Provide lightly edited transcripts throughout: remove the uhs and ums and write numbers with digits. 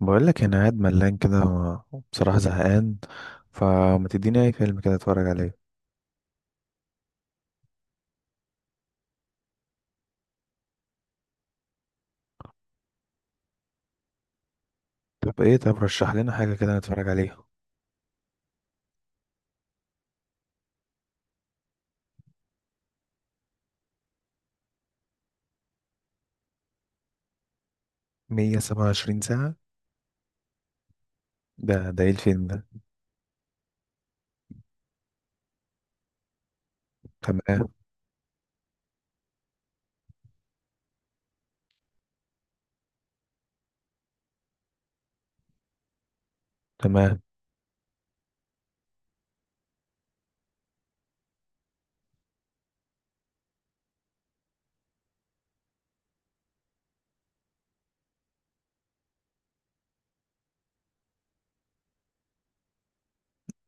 بقول لك انا قاعد ملان كده، بصراحة زهقان، فما تديني اي فيلم كده اتفرج عليه. طب ايه، طب رشح لنا حاجة كده نتفرج عليها. 127 ساعة. ده ايه الفيلم ده؟ تمام. تمام.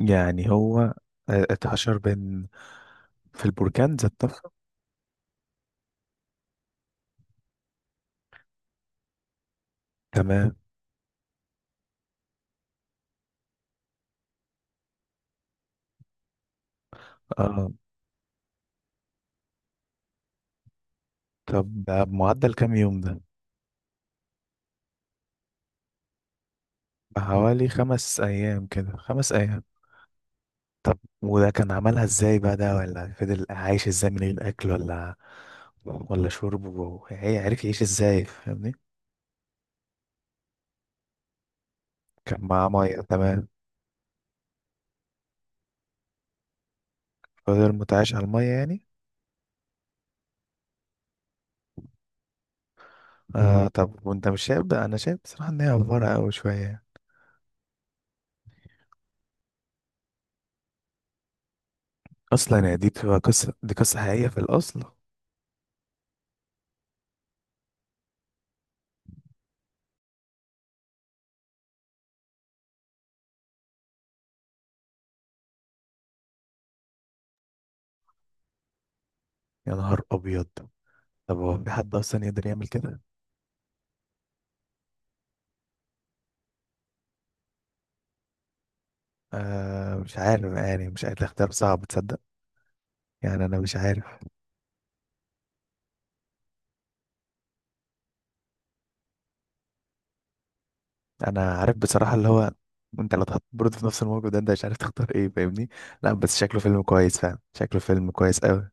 يعني هو اتحشر بين في البركان ذات نفسه. تمام. اه، طب ده بمعدل كام يوم ده؟ بحوالي خمس ايام كده، خمس ايام. طب وده كان عملها ازاي بقى ده؟ ولا فضل عايش ازاي من غير اكل ولا شرب، وهي عرف يعيش ازاي؟ فاهمني؟ كان معاه ميه. تمام. فضل متعايش على الميه يعني. آه، طب وانت مش شايف؟ ده انا شايف بصراحه ان هي افوره قوي شويه، اصلا يعني دي بتبقى قصه، دي قصه حقيقيه في الاصل. يا نهار ابيض! طب هو في حد اصلا يقدر يعمل كده؟ آه، مش عارف يعني، مش عارف، الاختيار صعب تصدق، يعني انا مش عارف. انا عارف بصراحه اللي هو، انت لو اتحط برضه في نفس الموقف ده، انت مش عارف تختار ايه. فاهمني؟ لا، بس شكله فيلم كويس فعلا، شكله فيلم كويس قوي.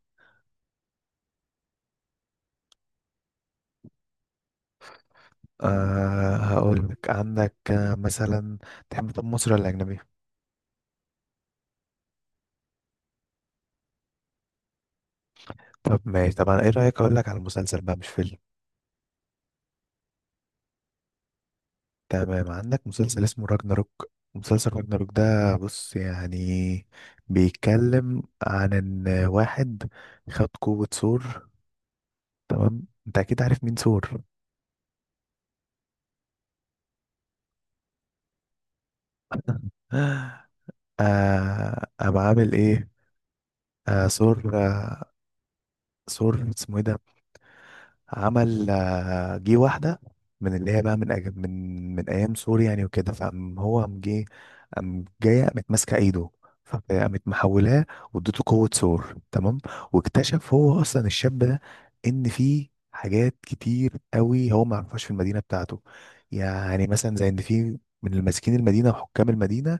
آه، هقول لك، عندك مثلا تحب، طب مصري ولا اجنبي؟ طب ماشي، طب انا ايه رأيك اقول لك على مسلسل بقى مش فيلم؟ تمام. عندك مسلسل اسمه راجناروك. مسلسل راجناروك ده، بص يعني، بيتكلم عن ان واحد خد قوة ثور. تمام، انت اكيد عارف مين ثور. قام عامل ايه؟ ثور. آه ثور اسمه ايه ده؟ عمل جه واحدة من اللي هي بقى من أج- من من أيام سوريا يعني وكده، فقام هو قام جه، قام جاية قامت ماسكة إيده، فقامت محولاه واديته قوة ثور. تمام. واكتشف هو أصلا الشاب ده إن فيه حاجات كتير قوي هو ما يعرفهاش في المدينة بتاعته. يعني مثلا زي إن فيه من الماسكين المدينة وحكام المدينة،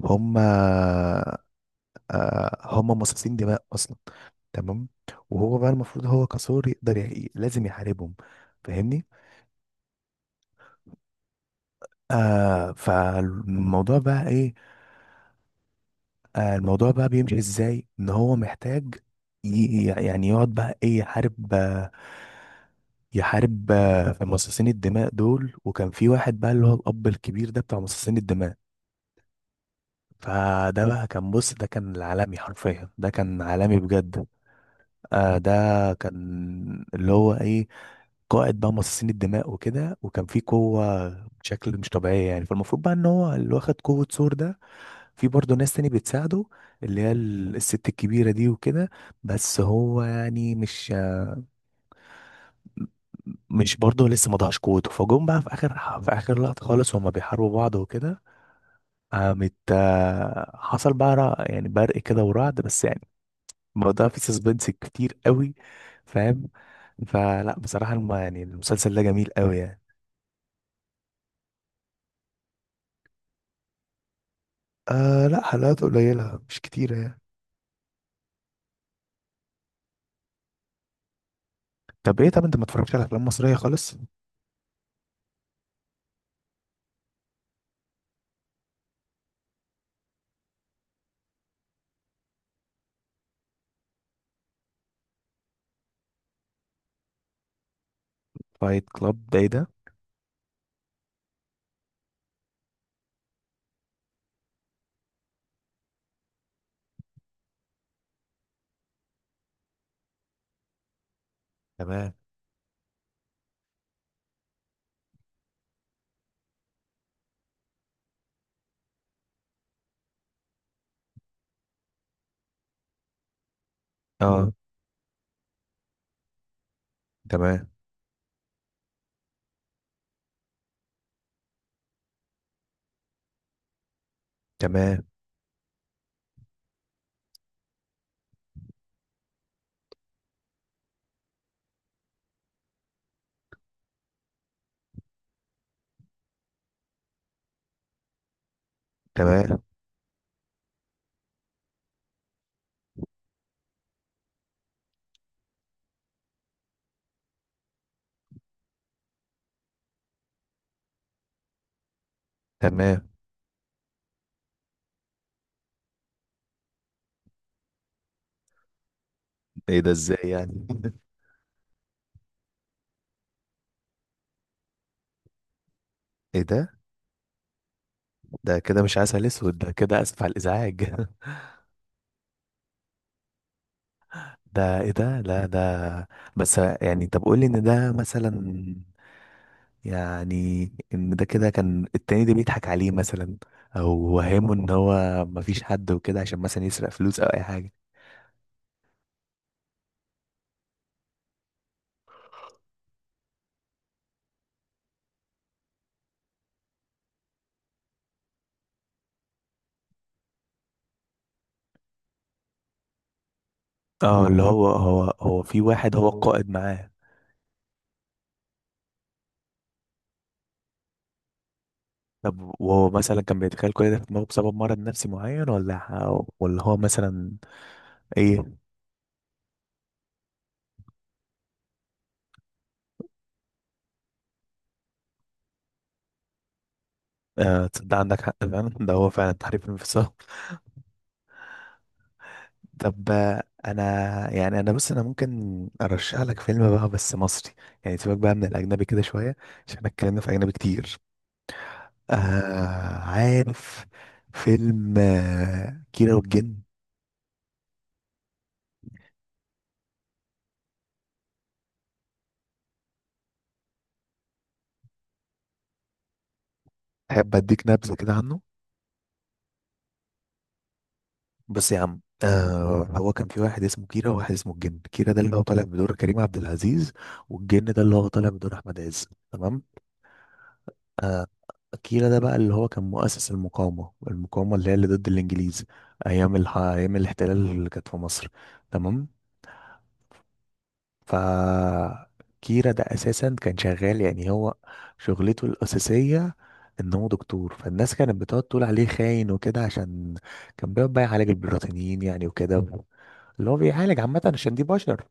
هم آه، هم مصاصين دماء أصلا. تمام. وهو بقى المفروض هو كثور لازم يحاربهم. فاهمني؟ فالموضوع بقى ايه؟ الموضوع بقى بيمشي ازاي؟ ان هو محتاج يعني يقعد بقى ايه، يحارب في مصاصين الدماء دول. وكان في واحد بقى، اللي هو الاب الكبير ده بتاع مصاصين الدماء، فده بقى كان، بص ده كان العالمي حرفيا، ده كان عالمي بجد. ده كان اللي هو ايه، قائد بقى مصاصين الدماء وكده، وكان في قوة بشكل مش طبيعية يعني. فالمفروض بقى ان هو اللي واخد قوة ثور ده، في برضه ناس تاني بتساعده، اللي هي الست الكبيرة دي وكده. بس هو يعني مش برضه لسه ما ضاعش قوته، فجم بقى في اخر لقطة خالص، وهما بيحاربوا بعض وكده، قامت حصل بقى يعني برق كده ورعد، بس يعني الموضوع فيه سسبنس كتير قوي. فاهم؟ فلا بصراحة يعني المسلسل ده جميل قوي يعني. لا، حلقات قليلة مش كتيرة يعني. طب ايه، طب انت ما اتفرجتش على افلام مصريه خالص؟ فايت كلاب ده ايه ده؟ تمام. اه. تمام. تمام. تمام. تمام. ايه ده، ازاي يعني؟ ايه ده. ده كده مش عسل اسود، ده كده اسف على الازعاج. ده ايه ده؟ لا، ده بس يعني، طب قول لي ان ده مثلا، يعني ان ده كده كان التاني ده بيضحك عليه مثلا، او وهمه ان هو مفيش حد وكده عشان مثلا يسرق فلوس او اي. اه، اللي هو في واحد هو القائد معاه. طب وهو مثلا كان بيتخيل كل ده في دماغه بسبب مرض نفسي معين، ولا ولا هو مثلا ايه؟ آه، تصدق عندك حق فعلا، ده هو فعلا تحريف انفصام. طب انا يعني، انا بص، انا ممكن ارشح لك فيلم بقى بس مصري، يعني سيبك بقى من الاجنبي كده شويه، عشان احنا اتكلمنا في اجنبي كتير. عارف فيلم كيرة والجن؟ تحب اديك نبذه كده عنه؟ بس يا عم، هو كان في واحد اسمه كيرة وواحد اسمه الجن. كيرة ده اللي هو طالع بدور كريم عبد العزيز، والجن ده اللي هو طالع بدور أحمد عز. تمام. كيرة ده بقى اللي هو كان مؤسس المقاومة اللي هي اللي ضد الإنجليز، أيام الاحتلال اللي كانت في مصر. تمام. ف كيرة ده أساسا كان شغال، يعني هو شغلته الأساسية إن هو دكتور. فالناس كانت بتقعد تقول عليه خاين وكده، عشان كان بيقعد بقى يعالج البريطانيين يعني وكده، اللي هو بيعالج عامة، عشان دي بشر.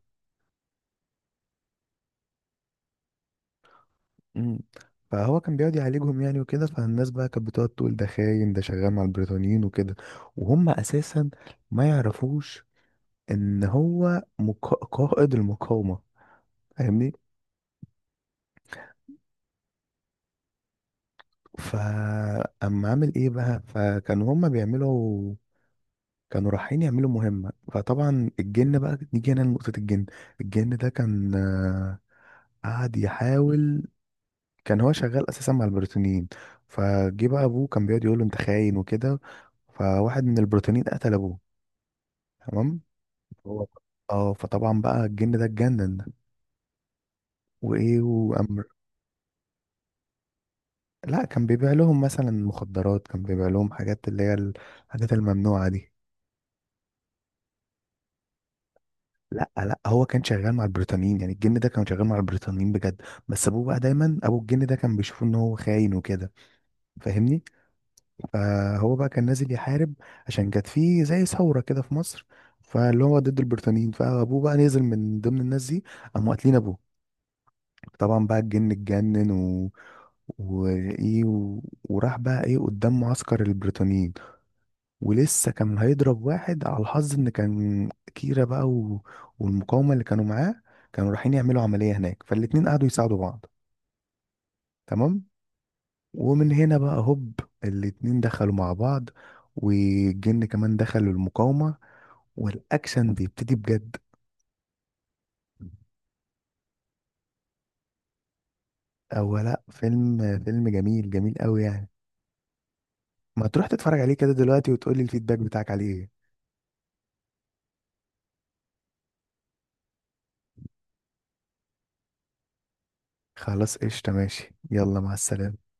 مم. فهو كان بيقعد يعالجهم يعني وكده، فالناس بقى كانت بتقعد تقول ده خاين، ده شغال مع البريطانيين وكده، وهم اساسا ما يعرفوش ان هو قائد المقاومة. فاهمني؟ فاما عامل ايه بقى، فكانوا هم بيعملوا، كانوا رايحين يعملوا مهمة. فطبعا الجن بقى، نيجي هنا لنقطة الجن. الجن ده كان قعد يحاول، كان هو شغال اساسا مع البريطانيين. فجه بقى ابوه كان بيقعد يقول له انت خاين وكده، فواحد من البريطانيين قتل ابوه. تمام. هو، اه، فطبعا بقى الجن ده اتجنن، وايه وامر. لا، كان بيبيع لهم مثلا مخدرات، كان بيبيع لهم حاجات اللي هي الحاجات الممنوعه دي. لا، لا، هو كان شغال مع البريطانيين يعني، الجن ده كان شغال مع البريطانيين بجد، بس ابوه بقى دايما، ابو الجن ده كان بيشوفه ان هو خاين وكده. فاهمني؟ فهو بقى كان نازل يحارب، عشان كانت فيه زي ثورة كده في مصر، فاللي هو ضد البريطانيين. فأبوه بقى نزل من ضمن الناس دي، قاموا قاتلين أبوه. طبعا بقى الجن اتجنن، و، وإيه، و، وراح بقى إيه قدام معسكر البريطانيين، ولسه كان هيضرب واحد على الحظ، إن كان كيرا بقى، و... والمقاومة اللي كانوا معاه، كانوا رايحين يعملوا عملية هناك، فالاتنين قعدوا يساعدوا بعض. تمام. ومن هنا بقى هوب، الاتنين دخلوا مع بعض، والجن كمان دخل المقاومة، والأكشن بيبتدي بجد. أو لأ، فيلم جميل جميل قوي يعني. ما تروح تتفرج عليه كده دلوقتي، وتقولي الفيدباك بتاعك عليه ايه. خلاص، قشطة، ماشي، يلا، مع السلامة.